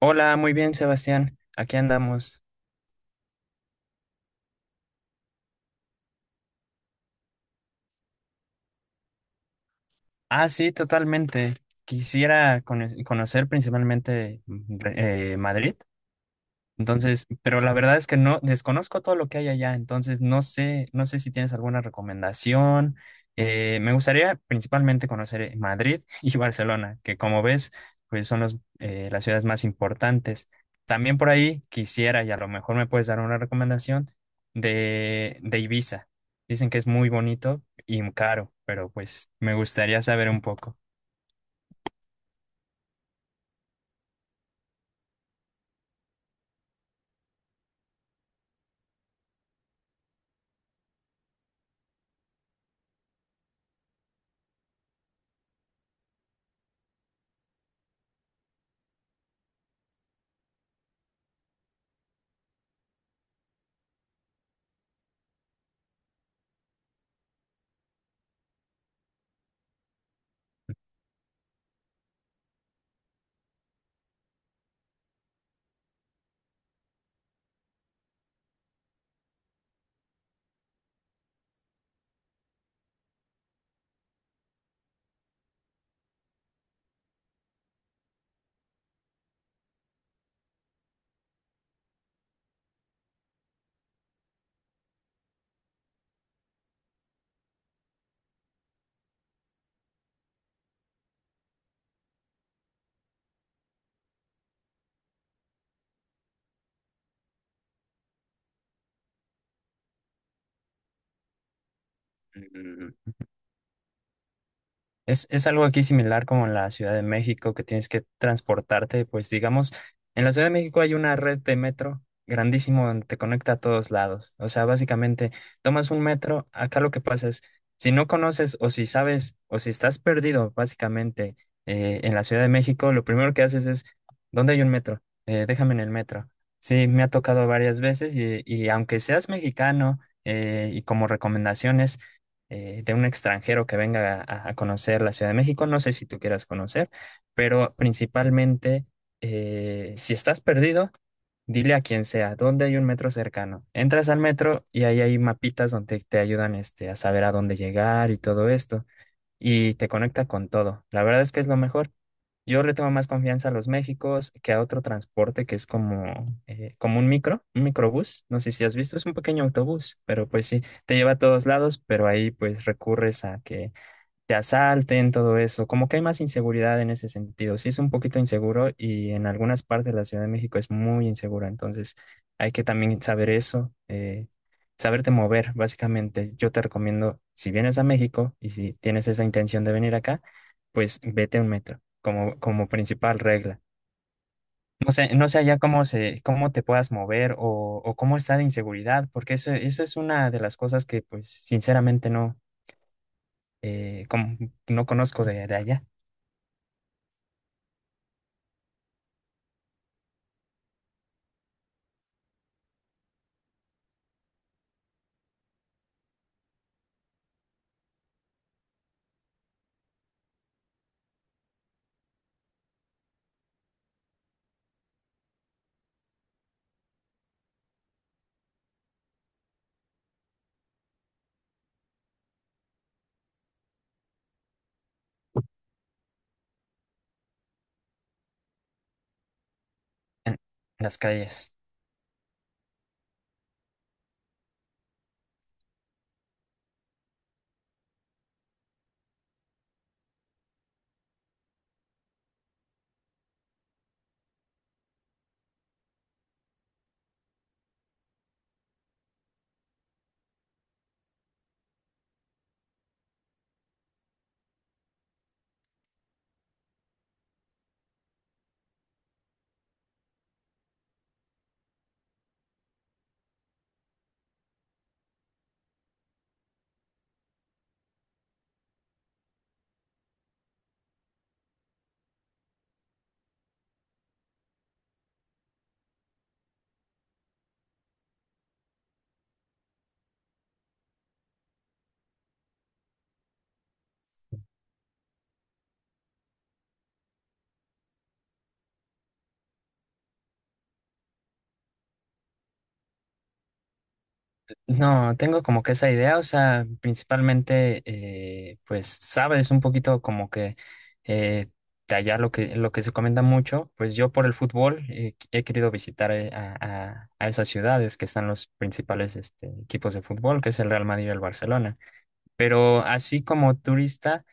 Hola, muy bien, Sebastián. Aquí andamos. Ah, sí, totalmente. Quisiera conocer principalmente Madrid. Entonces, pero la verdad es que no desconozco todo lo que hay allá, entonces no sé, no sé si tienes alguna recomendación. Me gustaría principalmente conocer Madrid y Barcelona, que como ves, pues son las ciudades más importantes. También por ahí quisiera, y a lo mejor me puedes dar una recomendación de Ibiza. Dicen que es muy bonito y caro, pero pues me gustaría saber un poco. Mm. Es algo aquí similar como en la Ciudad de México, que tienes que transportarte, pues digamos, en la Ciudad de México hay una red de metro grandísimo donde te conecta a todos lados. O sea, básicamente tomas un metro, acá lo que pasa es, si no conoces o si sabes o si estás perdido, básicamente, en la Ciudad de México, lo primero que haces es, ¿dónde hay un metro? Déjame en el metro. Sí, me ha tocado varias veces y aunque seas mexicano y como recomendaciones de un extranjero que venga a conocer la Ciudad de México. No sé si tú quieras conocer, pero principalmente, si estás perdido, dile a quien sea, ¿dónde hay un metro cercano? Entras al metro y ahí hay mapitas donde te ayudan este, a saber a dónde llegar y todo esto, y te conecta con todo. La verdad es que es lo mejor. Yo le tomo más confianza a los Méxicos que a otro transporte que es como, como un micro, un microbús. No sé si has visto, es un pequeño autobús, pero pues sí, te lleva a todos lados, pero ahí pues recurres a que te asalten, todo eso. Como que hay más inseguridad en ese sentido. Sí es un poquito inseguro y en algunas partes de la Ciudad de México es muy insegura. Entonces hay que también saber eso, saberte mover, básicamente. Yo te recomiendo, si vienes a México y si tienes esa intención de venir acá, pues vete a un metro como, como principal regla. No sé, no sé allá cómo se, cómo te puedas mover o cómo está de inseguridad, porque eso es una de las cosas que, pues, sinceramente no, eh, como- no conozco de allá. En las calles. No, tengo como que esa idea, o sea, principalmente, pues, sabes, un poquito como que eh, de allá lo que se comenta mucho, pues yo por el fútbol he querido visitar a esas ciudades que están los principales este, equipos de fútbol, que es el Real Madrid y el Barcelona. Pero así como turista,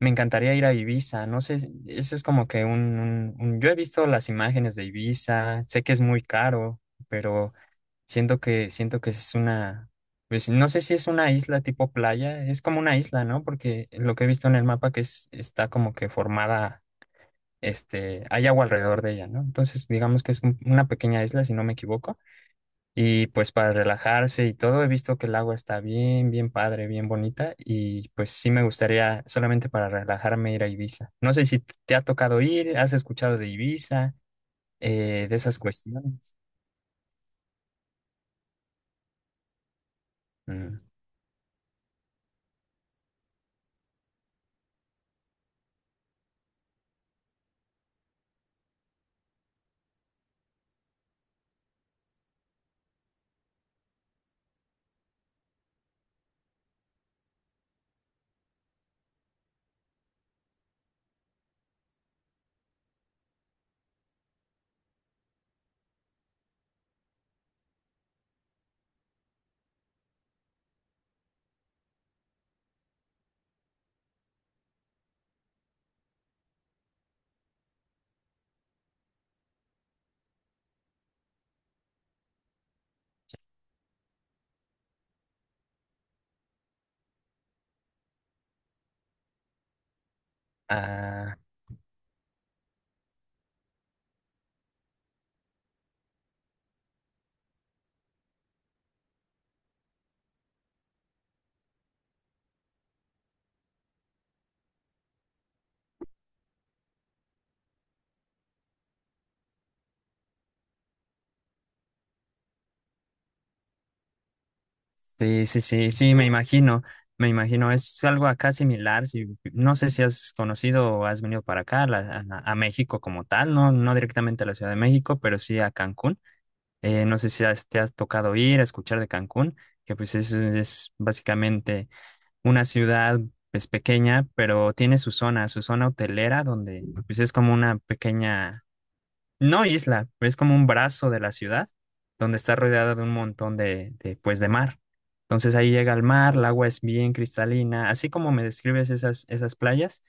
me encantaría ir a Ibiza, no sé, ese es como que yo he visto las imágenes de Ibiza, sé que es muy caro, pero... siento que es una, pues no sé si es una isla tipo playa, es como una isla, ¿no? Porque lo que he visto en el mapa que es, está como que formada, este, hay agua alrededor de ella, ¿no? Entonces, digamos que es una pequeña isla, si no me equivoco. Y pues para relajarse y todo, he visto que el agua está bien, bien padre, bien bonita. Y pues sí me gustaría solamente para relajarme ir a Ibiza. No sé si te ha tocado ir, has escuchado de Ibiza, de esas cuestiones. Mm. Ah, sí, sí, sí, sí, me imagino, es algo acá similar, si, no sé si has conocido o has venido para acá, la- a México como tal, no, no directamente a la Ciudad de México, pero sí a Cancún. No sé si has- te has tocado ir a escuchar de Cancún, que pues es básicamente una ciudad pues pequeña, pero tiene su zona hotelera, donde pues es como una pequeña no isla, es como un brazo de la ciudad donde está rodeada de un montón pues, de mar. Entonces ahí llega el mar, el agua es bien cristalina, así como me describes esas, esas playas,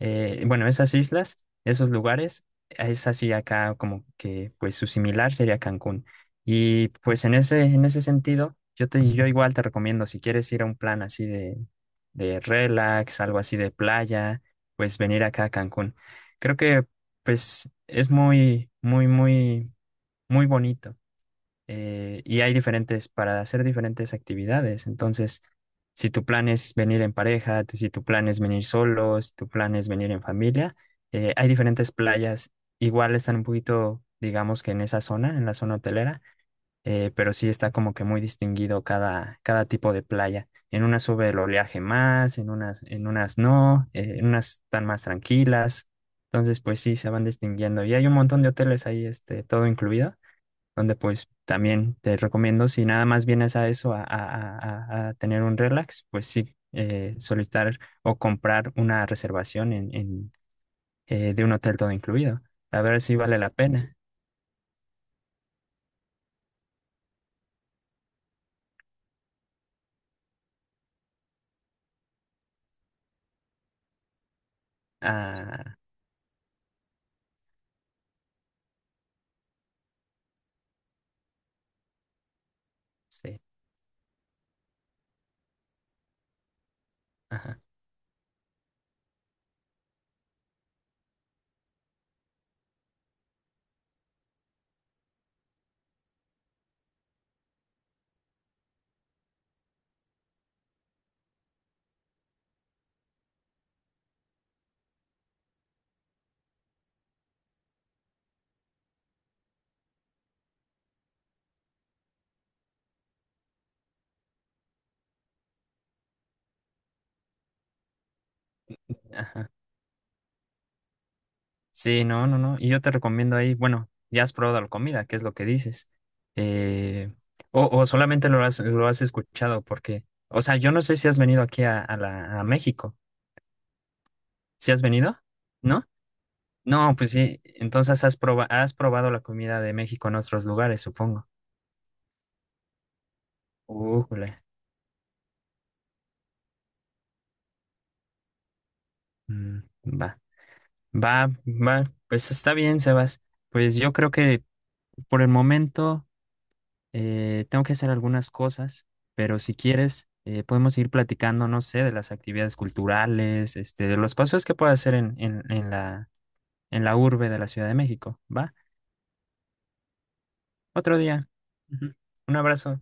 bueno, esas islas, esos lugares, es así acá como que pues su similar sería Cancún. Y pues en ese sentido, yo te, yo igual te recomiendo, si quieres ir a un plan así de relax, algo así de playa, pues venir acá a Cancún. Creo que pues es muy, muy, muy, muy bonito. Y hay diferentes, para hacer diferentes actividades. Entonces, si tu plan es venir en pareja, si tu plan es venir solo, si tu plan es venir en familia, hay diferentes playas. Igual están un poquito, digamos que en esa zona, en la zona hotelera pero sí está como que muy distinguido cada, cada tipo de playa. En unas sube el oleaje más, en unas no, en unas están más tranquilas. Entonces, pues sí, se van distinguiendo. Y hay un montón de hoteles ahí, este, todo incluido, donde pues también te recomiendo, si nada más vienes a eso, a tener un relax, pues sí, solicitar o comprar una reservación en, de un hotel todo incluido. A ver si vale la pena. Ah, sí. Ajá, ajá. Sí, no, no, no. Y yo te recomiendo ahí, bueno, ya has probado la comida, que es lo que dices. Eh, o solamente lo has escuchado, porque, o sea, yo no sé si has venido aquí a México. ¿Si has venido? ¿No? No, pues sí. Entonces has has probado la comida de México en otros lugares, supongo. Újule. Mm, va, va, va. Pues está bien, Sebas. Pues yo creo que por el momento. Tengo que hacer algunas cosas, pero si quieres, podemos ir platicando, no sé, de las actividades culturales, este, de los paseos que puedo hacer en la urbe de la Ciudad de México. ¿Va? Otro día. Ujú. Un abrazo.